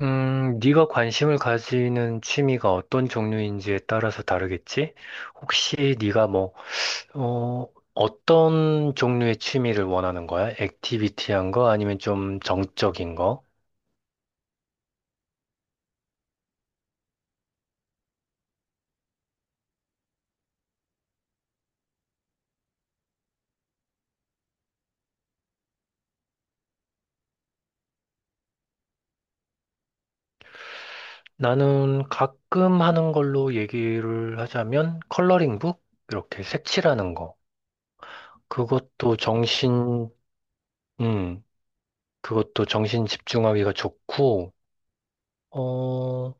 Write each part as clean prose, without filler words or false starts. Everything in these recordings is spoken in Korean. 네가 관심을 가지는 취미가 어떤 종류인지에 따라서 다르겠지? 혹시 네가 뭐, 어, 어떤 종류의 취미를 원하는 거야? 액티비티한 거 아니면 좀 정적인 거? 나는 가끔 하는 걸로 얘기를 하자면 컬러링북? 이렇게 색칠하는 거. 그것도 정신, 음, 그것도 정신 집중하기가 좋고, 어,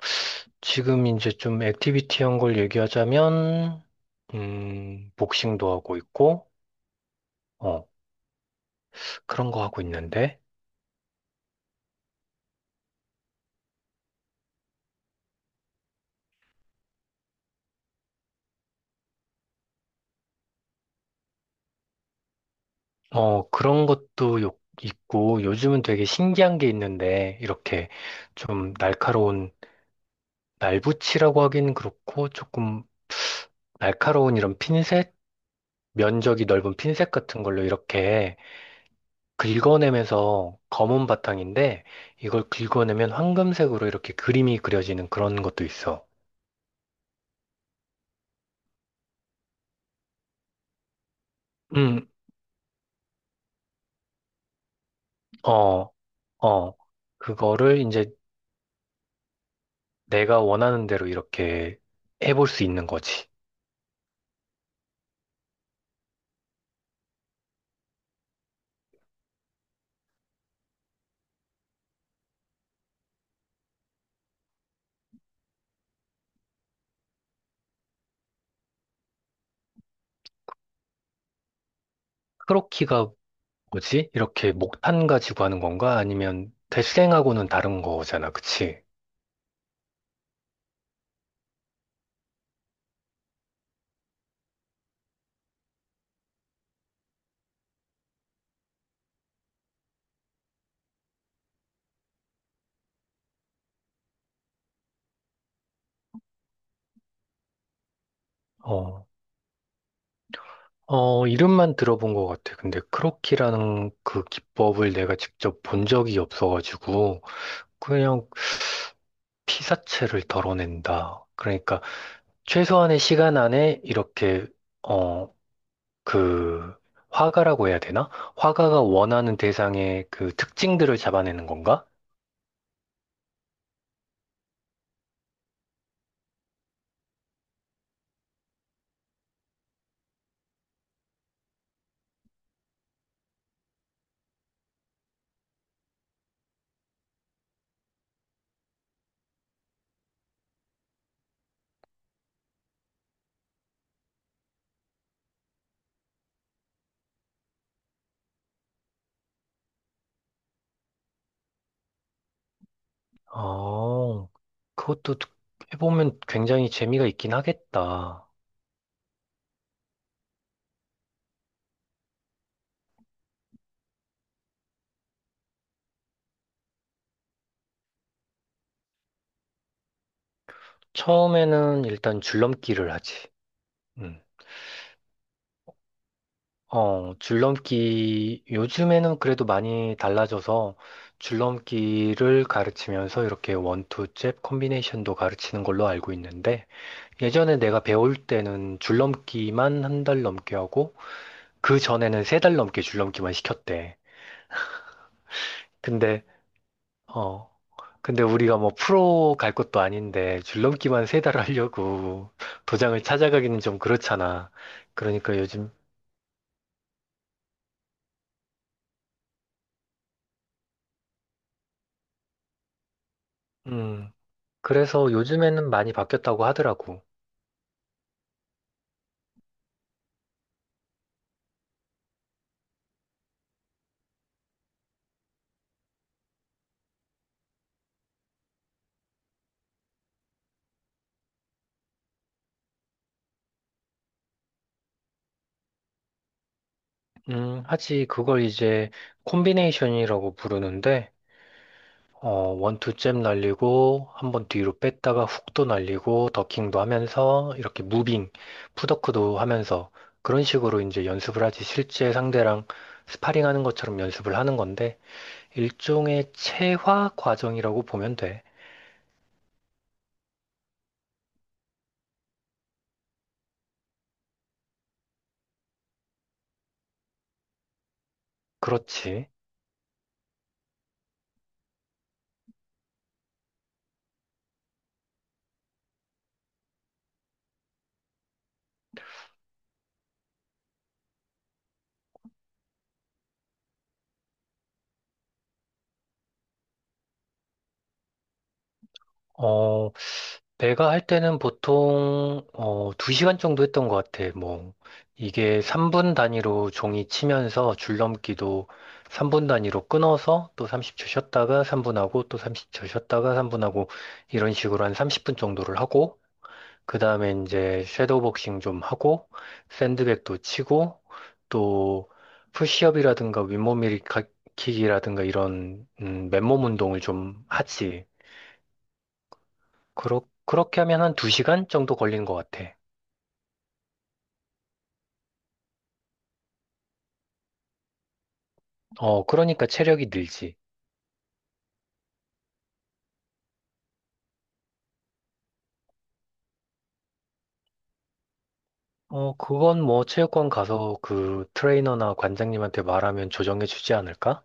지금 이제 좀 액티비티한 걸 얘기하자면, 복싱도 하고 있고, 어, 그런 거 하고 있는데, 그런 것도 있고, 요즘은 되게 신기한 게 있는데, 이렇게 좀 날카로운, 날붙이라고 하기는 그렇고, 조금 날카로운 이런 핀셋? 면적이 넓은 핀셋 같은 걸로 이렇게 긁어내면서 검은 바탕인데, 이걸 긁어내면 황금색으로 이렇게 그림이 그려지는 그런 것도 있어. 음. 어, 어. 그거를 이제 내가 원하는 대로 이렇게 해볼 수 있는 거지. 크로키가 뭐지? 이렇게 목탄 가지고 하는 건가? 아니면 대생하고는 다른 거잖아, 그치? 어, 어, 이름만 들어본 것 같아. 근데 크로키라는 그 기법을 내가 직접 본 적이 없어가지고, 그냥 피사체를 덜어낸다. 그러니까 최소한의 시간 안에 이렇게, 어, 그 화가라고 해야 되나? 화가가 원하는 대상의 그 특징들을 잡아내는 건가? 어, 그것도 해보면 굉장히 재미가 있긴 하겠다. 처음에는 일단 줄넘기를 하지. 음. 줄넘기, 요즘에는 그래도 많이 달라져서 줄넘기를 가르치면서 이렇게 원투 잽 콤비네이션도 가르치는 걸로 알고 있는데 예전에 내가 배울 때는 줄넘기만 한 달 넘게 하고 그 전에는 세 달 넘게 줄넘기만 시켰대. 근데, 어, 근데 우리가 뭐 프로 갈 것도 아닌데 줄넘기만 세 달 하려고 도장을 찾아가기는 좀 그렇잖아. 그러니까 요즘, 음, 그래서 요즘에는 많이 바뀌었다고 하더라고. 하지, 그걸 이제 콤비네이션이라고 부르는데, 어, 원투잽 날리고, 한번 뒤로 뺐다가 훅도 날리고, 더킹도 하면서, 이렇게 무빙, 풋워크도 하면서, 그런 식으로 이제 연습을 하지, 실제 상대랑 스파링 하는 것처럼 연습을 하는 건데, 일종의 체화 과정이라고 보면 돼. 그렇지. 어, 내가 할 때는 보통, 2시간 정도 했던 것 같아. 뭐, 이게 3분 단위로 종이 치면서 줄넘기도 3분 단위로 끊어서 또 30초 쉬었다가 3분 하고 또 30초 쉬었다가 3분 하고 이런 식으로 한 30분 정도를 하고, 그 다음에 이제 섀도우 복싱 좀 하고, 샌드백도 치고, 또 푸시업이라든가 윗몸 일으키기라든가 이런, 맨몸 운동을 좀 하지. 그렇게 하면 한 2시간 정도 걸리는 것 같아. 그러니까 체력이 늘지. 그건 뭐 체육관 가서 그 트레이너나 관장님한테 말하면 조정해 주지 않을까?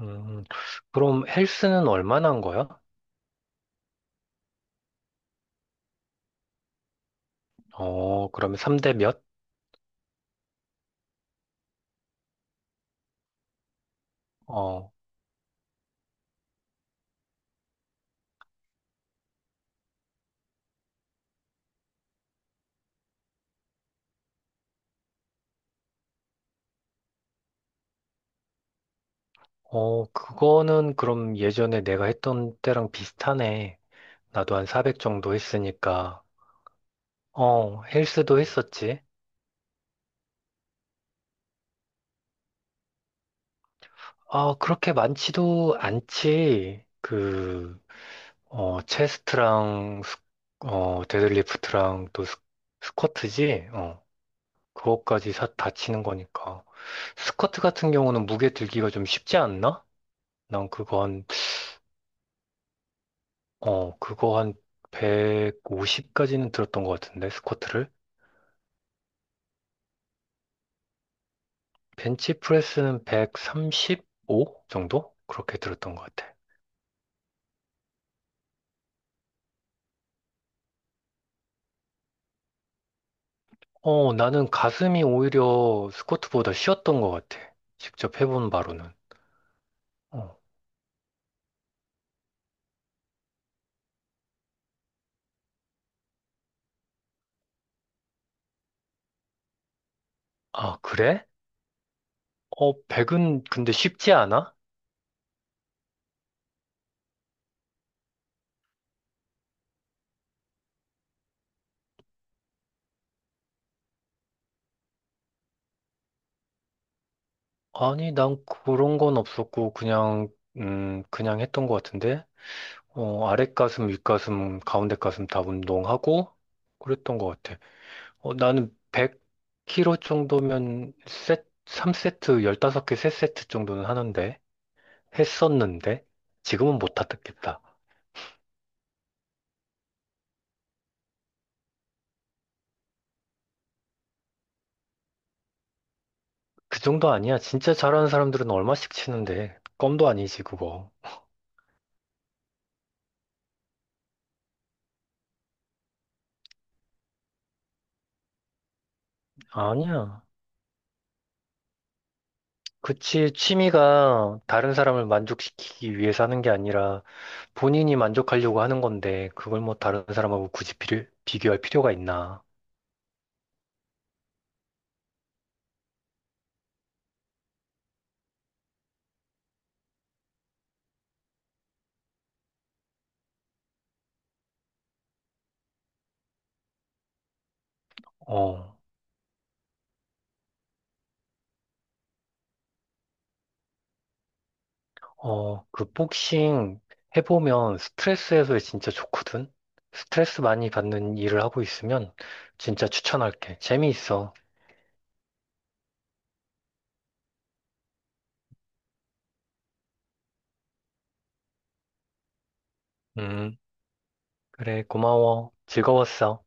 음, 그럼 헬스는 얼마나 한 거야? 그러면 3대 몇? 어, 어, 그거는 그럼 예전에 내가 했던 때랑 비슷하네. 나도 한 400 정도 했으니까. 헬스도 했었지. 아, 그렇게 많지도 않지. 체스트랑, 데드리프트랑 또 스쿼트지? 그것까지 다 치는 거니까. 스쿼트 같은 경우는 무게 들기가 좀 쉽지 않나? 난 그거 한 150까지는 들었던 것 같은데, 스쿼트를. 벤치프레스는 135 정도? 그렇게 들었던 것 같아. 나는 가슴이 오히려 스쿼트보다 쉬웠던 것 같아. 직접 해본 바로는. 어. 아, 그래? 백은 근데 쉽지 않아? 아니, 난 그런 건 없었고, 그냥 했던 것 같은데? 아랫가슴, 윗가슴, 가운데 가슴 다 운동하고, 그랬던 것 같아. 나는 100kg 정도면 3세트, 15개, 3세트 정도는 하는데, 했었는데, 지금은 못 하겠다. 그 정도 아니야. 진짜 잘하는 사람들은 얼마씩 치는데, 껌도 아니지, 그거. 아니야. 그치, 취미가 다른 사람을 만족시키기 위해서 하는 게 아니라 본인이 만족하려고 하는 건데, 그걸 뭐 다른 사람하고 굳이 비교할 필요가 있나. 어, 어, 그 복싱 해보면 스트레스 해소에 진짜 좋거든? 스트레스 많이 받는 일을 하고 있으면 진짜 추천할게. 재미있어. 음, 그래, 고마워. 즐거웠어.